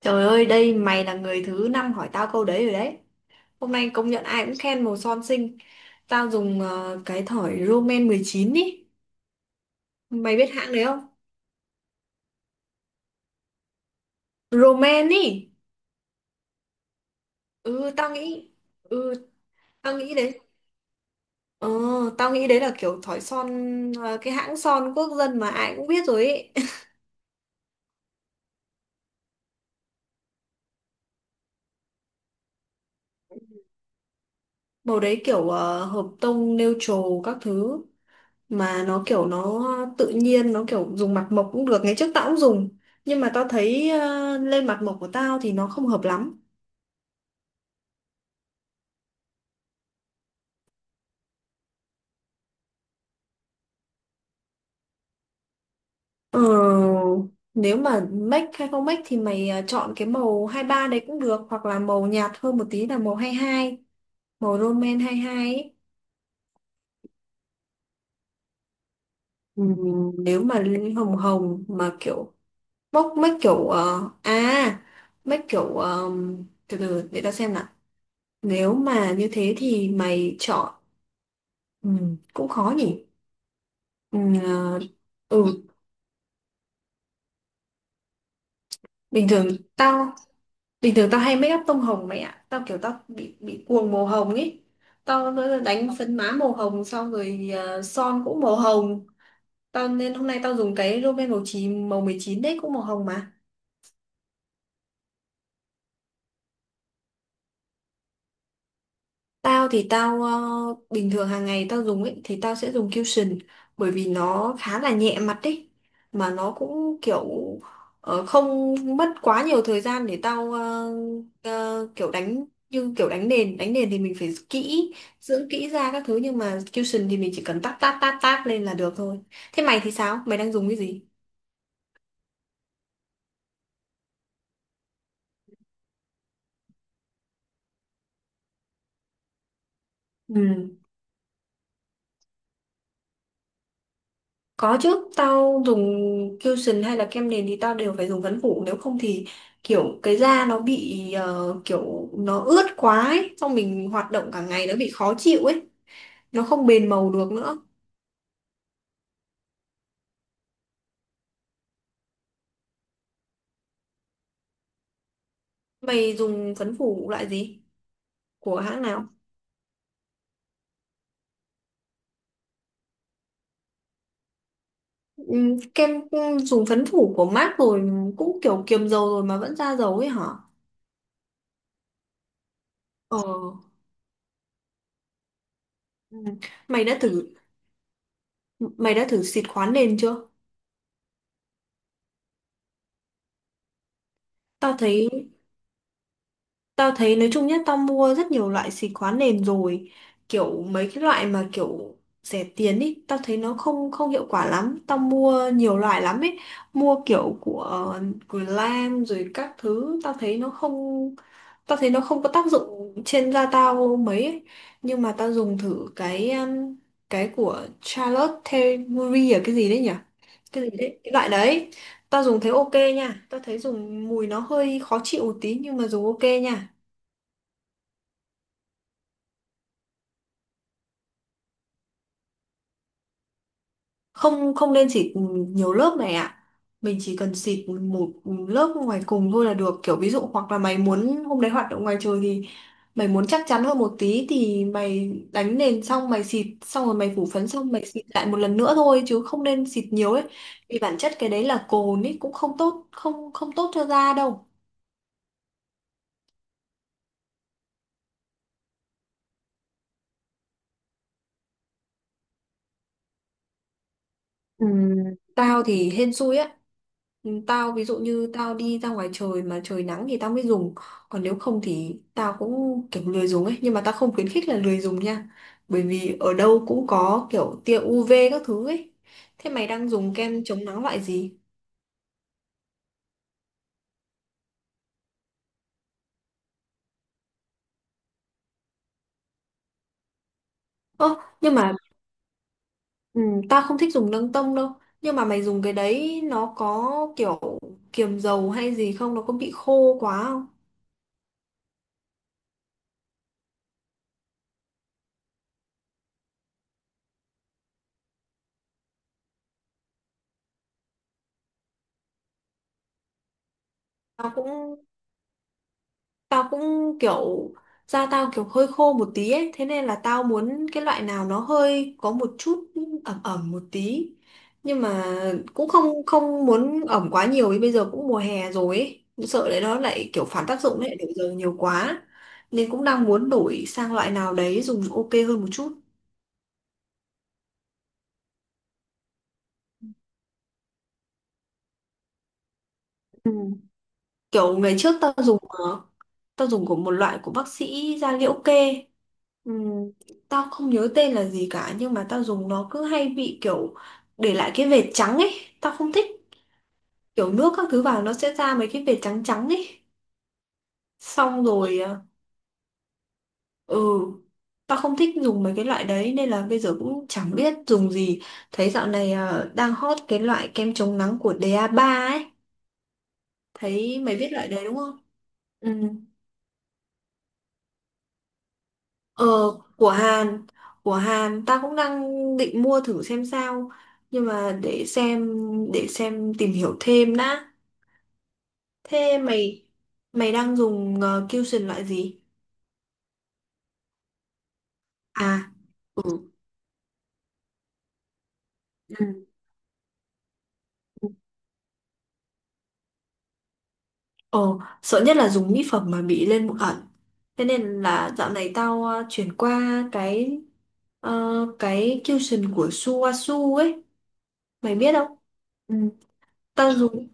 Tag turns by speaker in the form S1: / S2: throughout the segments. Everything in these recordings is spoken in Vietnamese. S1: Trời ơi, đây mày là người thứ năm hỏi tao câu đấy rồi đấy. Hôm nay công nhận ai cũng khen màu son xinh. Tao dùng cái thỏi Roman 19 ý. Mày biết hãng đấy không? Roman ý. Ừ, tao nghĩ. Ừ, tao nghĩ đấy. Ờ, tao nghĩ đấy là kiểu thỏi son, cái hãng son quốc dân mà ai cũng biết rồi ý. Màu đấy kiểu hợp tông, neutral các thứ. Mà nó kiểu nó tự nhiên, nó kiểu dùng mặt mộc cũng được. Ngày trước tao cũng dùng, nhưng mà tao thấy lên mặt mộc của tao thì nó không hợp lắm. Ờ, nếu mà make hay không make thì mày chọn cái màu 23 đấy cũng được, hoặc là màu nhạt hơn một tí là màu 22, màu Roman 22 ấy. Ừ, nếu mà lên hồng hồng mà kiểu bốc make kiểu make kiểu từ từ để tao xem nào. Nếu mà như thế thì mày chọn, ừ, cũng khó nhỉ. Ừ, ừ, bình thường tao bình thường tao hay make up tông hồng mày ạ. Tao kiểu tao bị cuồng màu hồng ấy. Tao đánh phấn má màu hồng, xong rồi son cũng màu hồng. Tao nên hôm nay tao dùng cái Rimmel màu chín màu 19 đấy cũng màu hồng mà. Tao thì tao bình thường hàng ngày tao dùng ấy thì tao sẽ dùng Cushion, bởi vì nó khá là nhẹ mặt ấy. Mà nó cũng kiểu không mất quá nhiều thời gian để tao kiểu đánh, như kiểu đánh nền. Đánh nền thì mình phải kỹ dưỡng kỹ ra các thứ, nhưng mà Cushion thì mình chỉ cần tát tát tát tát lên là được thôi. Thế mày thì sao? Mày đang dùng cái gì? Ừ. Có chứ, tao dùng cushion hay là kem nền thì tao đều phải dùng phấn phủ, nếu không thì kiểu cái da nó bị kiểu nó ướt quá ấy, xong mình hoạt động cả ngày nó bị khó chịu ấy, nó không bền màu được nữa. Mày dùng phấn phủ loại gì? Của hãng nào? Kem dùng phấn phủ của MAC rồi, cũng kiểu kiềm dầu rồi mà vẫn ra dầu ấy hả? Ờ. Ừ. Mày đã thử Mày đã thử xịt khoáng nền chưa? Tao thấy Tao thấy nói chung nhá, tao mua rất nhiều loại xịt khóa nền rồi. Kiểu mấy cái loại mà kiểu rẻ tiền ý, tao thấy nó không không hiệu quả lắm. Tao mua nhiều loại lắm ấy, mua kiểu của Lam rồi các thứ, tao thấy nó không, tao thấy nó không có tác dụng trên da tao mấy ấy. Nhưng mà tao dùng thử cái của Charlotte Tilbury, à, cái gì đấy nhỉ? Cái gì đấy, cái loại đấy. Tao dùng thấy ok nha, tao thấy dùng mùi nó hơi khó chịu một tí nhưng mà dùng ok nha. Không không nên xịt nhiều lớp này ạ. Mình chỉ cần xịt một lớp ngoài cùng thôi là được, kiểu ví dụ hoặc là mày muốn hôm đấy hoạt động ngoài trời thì mày muốn chắc chắn hơn một tí thì mày đánh nền xong mày xịt xong rồi mày phủ phấn xong mày xịt lại một lần nữa thôi, chứ không nên xịt nhiều ấy. Vì bản chất cái đấy là cồn ấy, cũng không tốt, không không tốt cho da đâu. Ừ, tao thì hên xui á. Ừ, tao ví dụ như tao đi ra ngoài trời mà trời nắng thì tao mới dùng. Còn nếu không thì tao cũng kiểu lười dùng ấy. Nhưng mà tao không khuyến khích là lười dùng nha. Bởi vì ở đâu cũng có kiểu tia UV các thứ ấy. Thế mày đang dùng kem chống nắng loại gì? Ơ, nhưng mà ừ, tao không thích dùng nâng tông đâu. Nhưng mà mày dùng cái đấy nó có kiểu kiềm dầu hay gì không? Nó có bị khô quá không? Tao cũng Tao cũng kiểu da tao kiểu hơi khô một tí ấy, thế nên là tao muốn cái loại nào nó hơi có một chút ẩm ẩm một tí. Nhưng mà cũng không không muốn ẩm quá nhiều, vì bây giờ cũng mùa hè rồi ấy, cũng sợ đấy nó lại kiểu phản tác dụng lại đổi giờ nhiều quá. Nên cũng đang muốn đổi sang loại nào đấy dùng ok hơn một chút. Ừ. Kiểu ngày trước tao dùng của một loại của bác sĩ da liễu kê. Ừm, tao không nhớ tên là gì cả, nhưng mà tao dùng nó cứ hay bị kiểu để lại cái vệt trắng ấy, tao không thích kiểu nước các thứ vào nó sẽ ra mấy cái vệt trắng trắng ấy, xong rồi à, ừ, tao không thích dùng mấy cái loại đấy nên là bây giờ cũng chẳng biết dùng gì. Thấy dạo này à, đang hot cái loại kem chống nắng của da ba ấy. Thấy mày biết loại đấy đúng không? Ừ. Ờ, của Hàn, ta cũng đang định mua thử xem sao, nhưng mà để xem, tìm hiểu thêm đã. Thế mày mày đang dùng Cushion loại gì? À, ừ. Ừ. Ờ, sợ nhất là dùng mỹ phẩm mà bị lên mụn ẩn. Thế nên là dạo này tao chuyển qua ờ, cái Cushion của suasu ấy, mày biết không? Ừ. Tao dùng.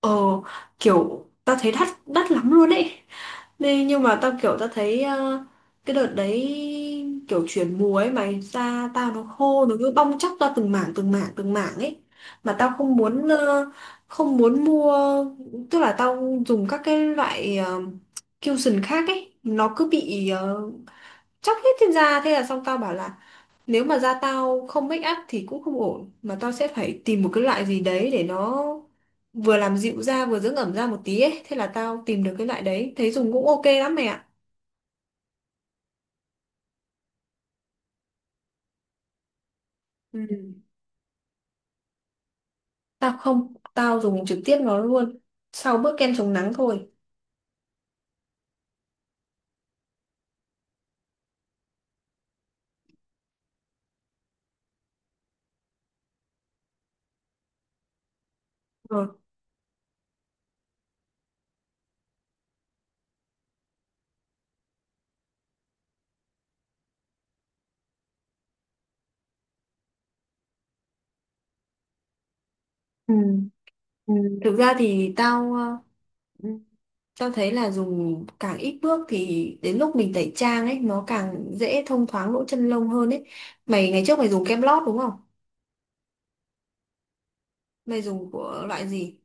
S1: Ờ, kiểu tao thấy đắt đắt lắm luôn ấy. Nên nhưng mà tao kiểu tao thấy cái đợt đấy kiểu chuyển mùa ấy mày, da tao nó khô nó cứ bong tróc ra từng mảng từng mảng từng mảng ấy. Mà tao không muốn mua, tức là tao dùng các cái loại cushion khác ấy, nó cứ bị tróc hết trên da. Thế là xong, tao bảo là nếu mà da tao không make up thì cũng không ổn, mà tao sẽ phải tìm một cái loại gì đấy để nó vừa làm dịu da vừa dưỡng ẩm da một tí ấy. Thế là tao tìm được cái loại đấy thấy dùng cũng ok lắm mẹ ạ. Ừ. Tao không, tao dùng trực tiếp nó luôn sau bước kem chống nắng thôi. Ờ. Ừ. Ừ. Thực ra thì tao, ừ, tao thấy là dùng càng ít bước thì đến lúc mình tẩy trang ấy nó càng dễ thông thoáng lỗ chân lông hơn ấy. Mày ngày trước mày dùng kem lót đúng không? Mày dùng của loại gì?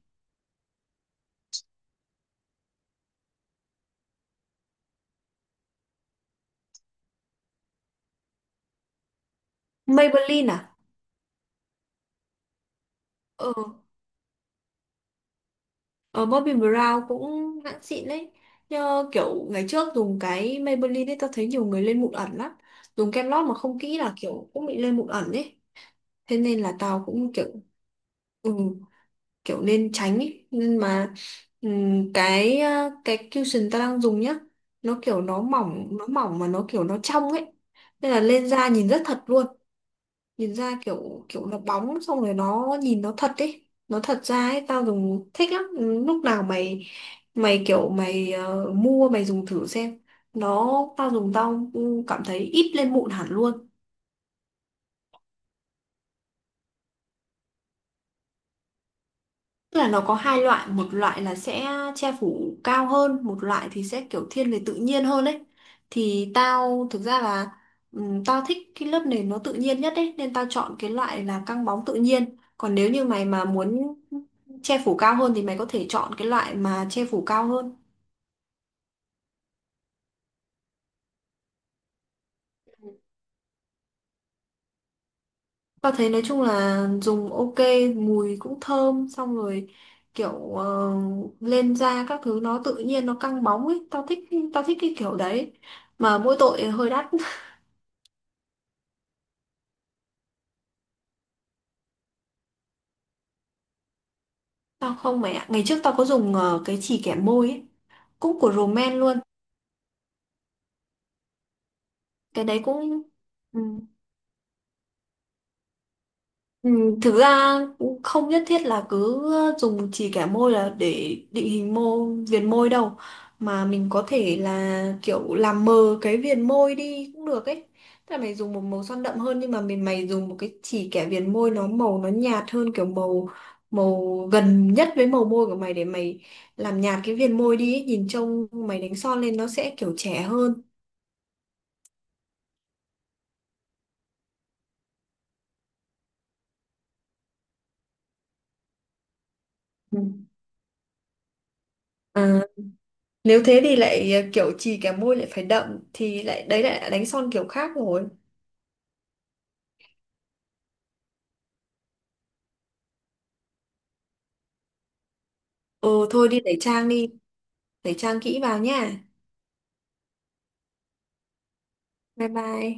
S1: Maybelline à? Ờ, ờ, Bobbi Brown cũng hãng xịn đấy. Nhờ kiểu ngày trước dùng cái Maybelline ấy, tao thấy nhiều người lên mụn ẩn lắm. Dùng kem lót mà không kỹ là kiểu cũng bị lên mụn ẩn ấy. Thế nên là tao cũng kiểu ừ, kiểu nên tránh ấy. Nhưng mà cái cushion tao đang dùng nhá. Nó kiểu nó mỏng mà nó kiểu nó trong ấy. Nên là lên da nhìn rất thật luôn. Nhìn ra kiểu kiểu nó bóng, xong rồi nó nhìn nó thật ấy, nó thật ra ấy, tao dùng thích lắm. Ừ, lúc nào mày mày kiểu mày ờ, mua mày dùng thử xem. Nó, tao dùng tao cảm thấy ít lên mụn hẳn luôn. Tức là nó có hai loại, một loại là sẽ che phủ cao hơn, một loại thì sẽ kiểu thiên về tự nhiên hơn ấy. Thì tao thực ra là tao thích cái lớp nền nó tự nhiên nhất ấy, nên tao chọn cái loại là căng bóng tự nhiên. Còn nếu như mày mà muốn che phủ cao hơn thì mày có thể chọn cái loại mà che phủ cao hơn. Tao thấy nói chung là dùng ok, mùi cũng thơm, xong rồi kiểu lên da các thứ nó tự nhiên nó căng bóng ấy, tao thích cái kiểu đấy. Mà mỗi tội hơi đắt. Tao không mày ạ. Ngày trước tao có dùng cái chì kẻ môi ấy. Cũng của Roman luôn. Cái đấy cũng... Ừ. Ừ, thực ra cũng không nhất thiết là cứ dùng chỉ kẻ môi là để định hình mô viền môi đâu, mà mình có thể là kiểu làm mờ cái viền môi đi cũng được ấy. Tức là mày dùng một màu son đậm hơn, nhưng mà mày dùng một cái chỉ kẻ viền môi nó màu nó nhạt hơn kiểu màu màu gần nhất với màu môi của mày để mày làm nhạt cái viền môi đi ấy. Nhìn trông mày đánh son lên nó sẽ kiểu trẻ hơn. Ừ. Ờ, nếu thế thì lại kiểu chì cái môi lại phải đậm thì lại đấy lại đánh son kiểu khác rồi. Ừ thôi đi, tẩy trang kỹ vào nha. Bye bye.